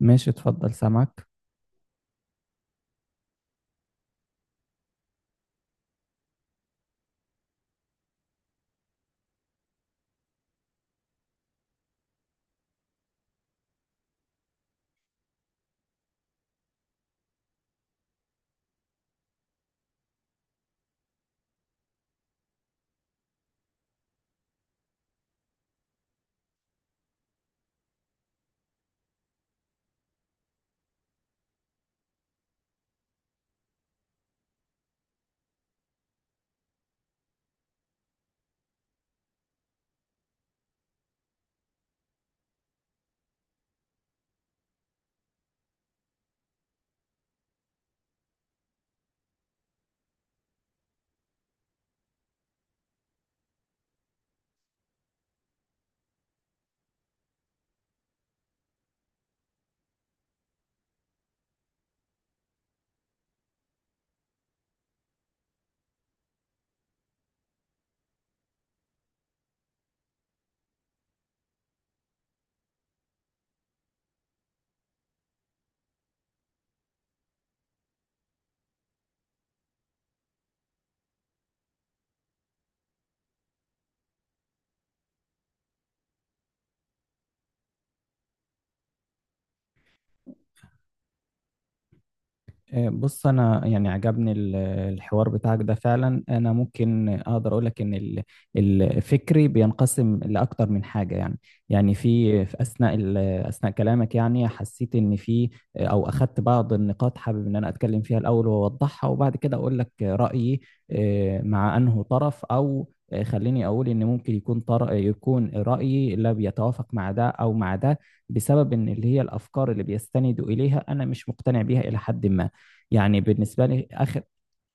ماشي، اتفضل، سامعك. بص، انا يعني عجبني الحوار بتاعك ده فعلا. انا ممكن اقدر اقول لك ان الفكري بينقسم لاكتر من حاجه يعني. يعني في اثناء كلامك يعني حسيت ان في، او اخدت بعض النقاط حابب ان انا اتكلم فيها الاول واوضحها وبعد كده اقول لك رايي. مع انه طرف او خليني اقول ان ممكن يكون رايي لا بيتوافق مع ده او مع ده، بسبب ان اللي هي الافكار اللي بيستندوا اليها انا مش مقتنع بيها الى حد ما. يعني بالنسبه لي اخر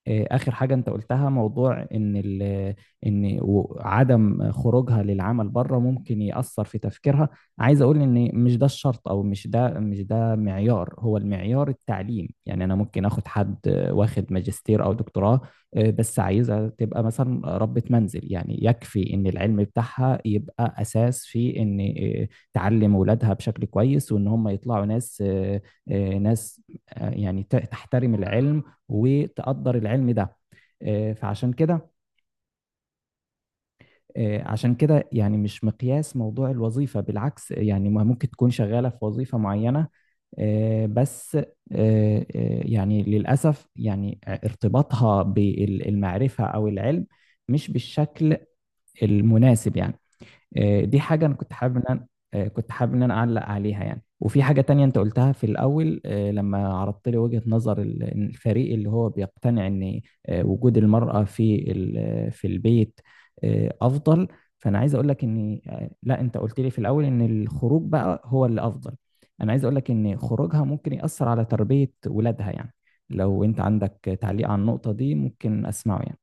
آه، آخر حاجة أنت قلتها، موضوع إن عدم خروجها للعمل بره ممكن يأثر في تفكيرها. عايز أقول إن مش ده الشرط، أو مش ده معيار، هو المعيار التعليم. يعني أنا ممكن آخد حد واخد ماجستير أو دكتوراه. بس عايزة تبقى مثلا ربة منزل، يعني يكفي إن العلم بتاعها يبقى أساس في إن آه، تعلم ولادها بشكل كويس، وإن هم يطلعوا ناس يعني تحترم العلم وتقدر العلم ده. آه، فعشان كده آه، عشان كده يعني مش مقياس موضوع الوظيفة، بالعكس يعني ما ممكن تكون شغالة في وظيفة معينة، بس آه، يعني للأسف يعني ارتباطها بالمعرفة أو العلم مش بالشكل المناسب يعني. دي حاجة أنا كنت حابب إن أنا آه، كنت حابب إن أنا أعلق عليها يعني. وفي حاجة تانية أنت قلتها في الأول، لما عرضت لي وجهة نظر إن الفريق اللي هو بيقتنع إن وجود المرأة في البيت أفضل. فأنا عايز أقول لك إن، لا، أنت قلت لي في الأول إن الخروج بقى هو اللي أفضل. أنا عايز أقول لك إن خروجها ممكن يأثر على تربية ولادها يعني. لو أنت عندك تعليق على النقطة دي ممكن أسمعه يعني.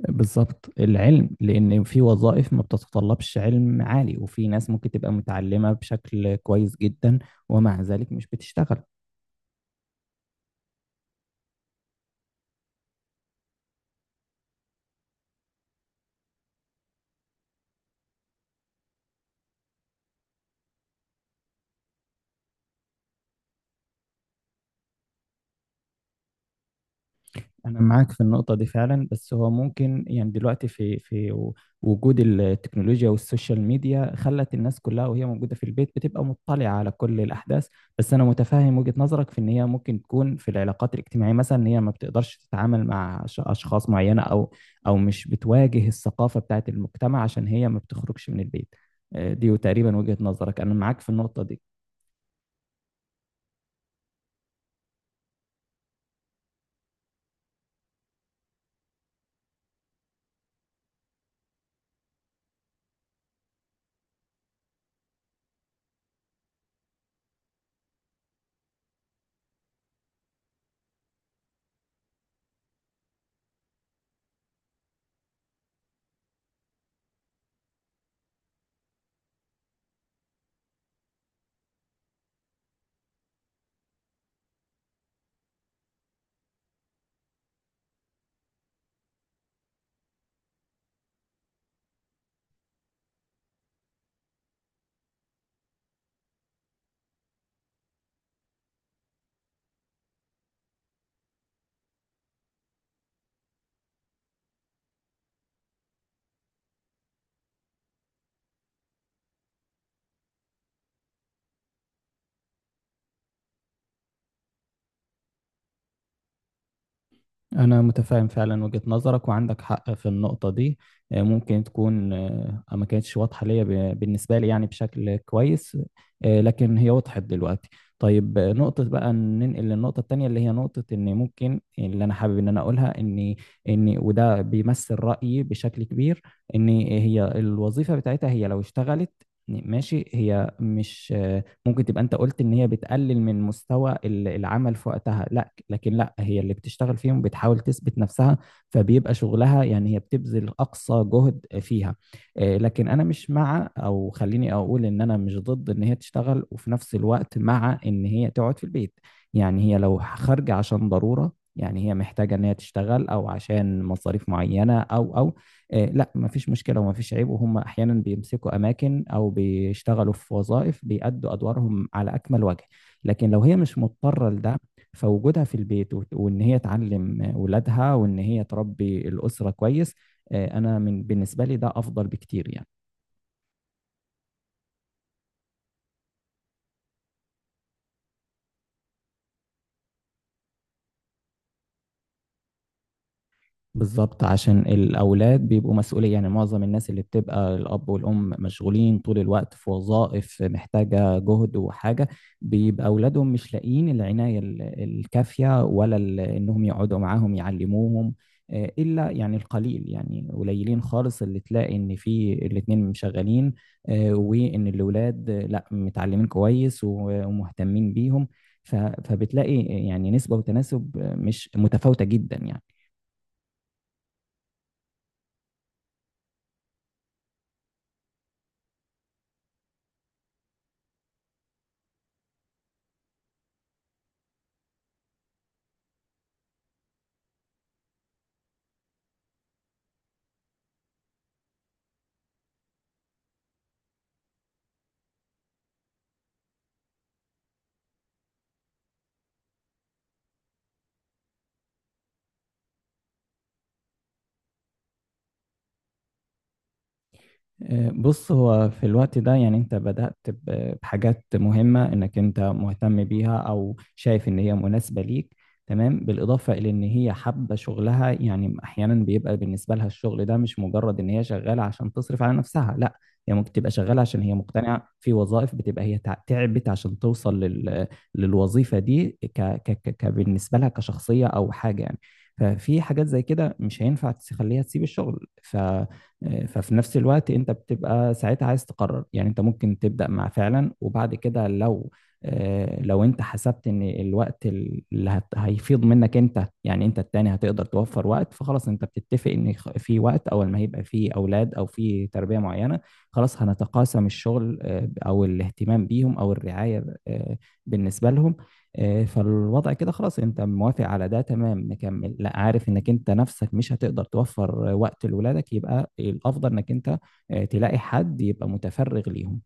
بالظبط، العلم، لان في وظائف ما بتتطلبش علم عالي، وفي ناس ممكن تبقى متعلمة بشكل كويس جدا ومع ذلك مش بتشتغل. أنا معاك في النقطة دي فعلا، بس هو ممكن يعني دلوقتي في وجود التكنولوجيا والسوشيال ميديا خلت الناس كلها وهي موجودة في البيت بتبقى مطلعة على كل الأحداث. بس أنا متفهم وجهة نظرك في إن هي ممكن تكون في العلاقات الاجتماعية مثلا، إن هي ما بتقدرش تتعامل مع أشخاص معينة، أو مش بتواجه الثقافة بتاعت المجتمع عشان هي ما بتخرجش من البيت. دي تقريبا وجهة نظرك، أنا معاك في النقطة دي. أنا متفاهم فعلا وجهة نظرك وعندك حق في النقطة دي. ممكن تكون ما كانتش واضحة ليا بالنسبة لي يعني بشكل كويس، لكن هي وضحت دلوقتي. طيب. نقطة، بقى ننقل للنقطة التانية اللي هي نقطة إن ممكن، اللي أنا حابب إن أنا أقولها، إن وده بيمثل رأيي بشكل كبير، إن هي الوظيفة بتاعتها، هي لو اشتغلت ماشي، هي مش ممكن تبقى، انت قلت ان هي بتقلل من مستوى العمل في وقتها، لا. لكن لا، هي اللي بتشتغل فيهم بتحاول تثبت نفسها، فبيبقى شغلها يعني هي بتبذل أقصى جهد فيها. لكن أنا مش مع، أو خليني أقول إن أنا مش ضد إن هي تشتغل وفي نفس الوقت مع إن هي تقعد في البيت. يعني هي لو خارجة عشان ضرورة، يعني هي محتاجة إن هي تشتغل أو عشان مصاريف معينة، أو أو لا مفيش مشكلة ومفيش عيب، وهم أحيانا بيمسكوا أماكن أو بيشتغلوا في وظائف بيأدوا أدوارهم على أكمل وجه. لكن لو هي مش مضطرة لده، فوجودها في البيت وان هي تعلم ولادها وان هي تربي الأسرة كويس، انا بالنسبة لي ده افضل بكتير يعني. بالظبط، عشان الأولاد بيبقوا مسؤولية يعني. معظم الناس اللي بتبقى الأب والأم مشغولين طول الوقت في وظائف محتاجة جهد وحاجة، بيبقى أولادهم مش لاقيين العناية الكافية، ولا إنهم يقعدوا معاهم يعلموهم. إلا يعني القليل، يعني قليلين خالص اللي تلاقي إن في الاتنين مشغلين وإن الأولاد لا متعلمين كويس ومهتمين بيهم. فبتلاقي يعني نسبة وتناسب مش متفاوتة جدا يعني. بص، هو في الوقت ده يعني انت بدأت بحاجات مهمة انك انت مهتم بيها او شايف ان هي مناسبة ليك، تمام، بالإضافة إلى إن هي حابة شغلها. يعني أحيانا بيبقى بالنسبة لها الشغل ده مش مجرد إن هي شغالة عشان تصرف على نفسها، لا، هي ممكن تبقى شغالة عشان هي مقتنعة في وظائف، بتبقى هي تعبت عشان توصل للوظيفة دي بالنسبة لها كشخصية أو حاجة يعني. ففي حاجات زي كده مش هينفع تخليها تسيب الشغل. ف... آه، ففي نفس الوقت انت بتبقى ساعتها عايز تقرر يعني. انت ممكن تبدأ مع فعلا، وبعد كده لو انت حسبت ان الوقت اللي هيفيض منك انت، يعني انت التاني هتقدر توفر وقت، فخلاص انت بتتفق ان في وقت اول ما هيبقى في اولاد او في تربية معينة، خلاص هنتقاسم الشغل او الاهتمام بيهم او الرعاية بالنسبة لهم. فالوضع كده خلاص انت موافق على ده، تمام نكمل. لا، عارف انك انت نفسك مش هتقدر توفر وقت لولادك، يبقى الافضل انك انت تلاقي حد يبقى متفرغ ليهم.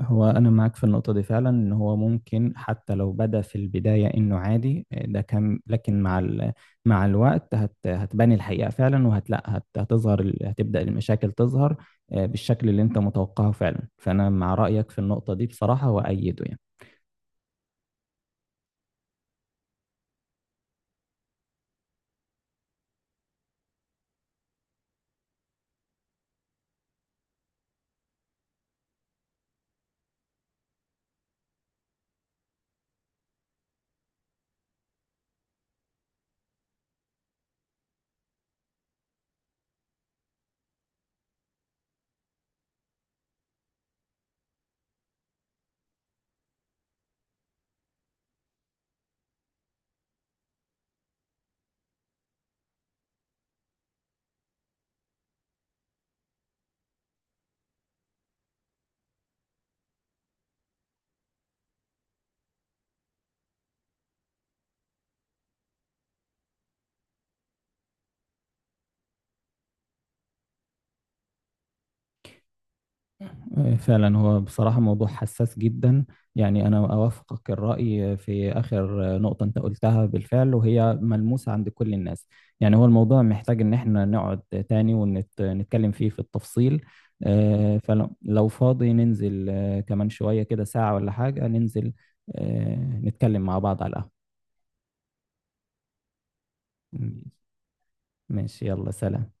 هو أنا معاك في النقطة دي فعلا، إن هو ممكن حتى لو بدأ في البداية إنه عادي، ده كان، لكن مع الوقت هتبان الحقيقة فعلا، وهتلاقي هتبدأ المشاكل تظهر بالشكل اللي أنت متوقعه فعلا. فأنا مع رأيك في النقطة دي بصراحة وأيده يعني. فعلا، هو بصراحة موضوع حساس جدا. يعني أنا أوافقك الرأي في آخر نقطة أنت قلتها بالفعل وهي ملموسة عند كل الناس. يعني هو الموضوع محتاج إن إحنا نقعد تاني ونتكلم فيه في التفصيل. فلو فاضي ننزل كمان شوية كده، ساعة ولا حاجة، ننزل آه، نتكلم مع بعض على القهوة. ماشي، يلا سلام.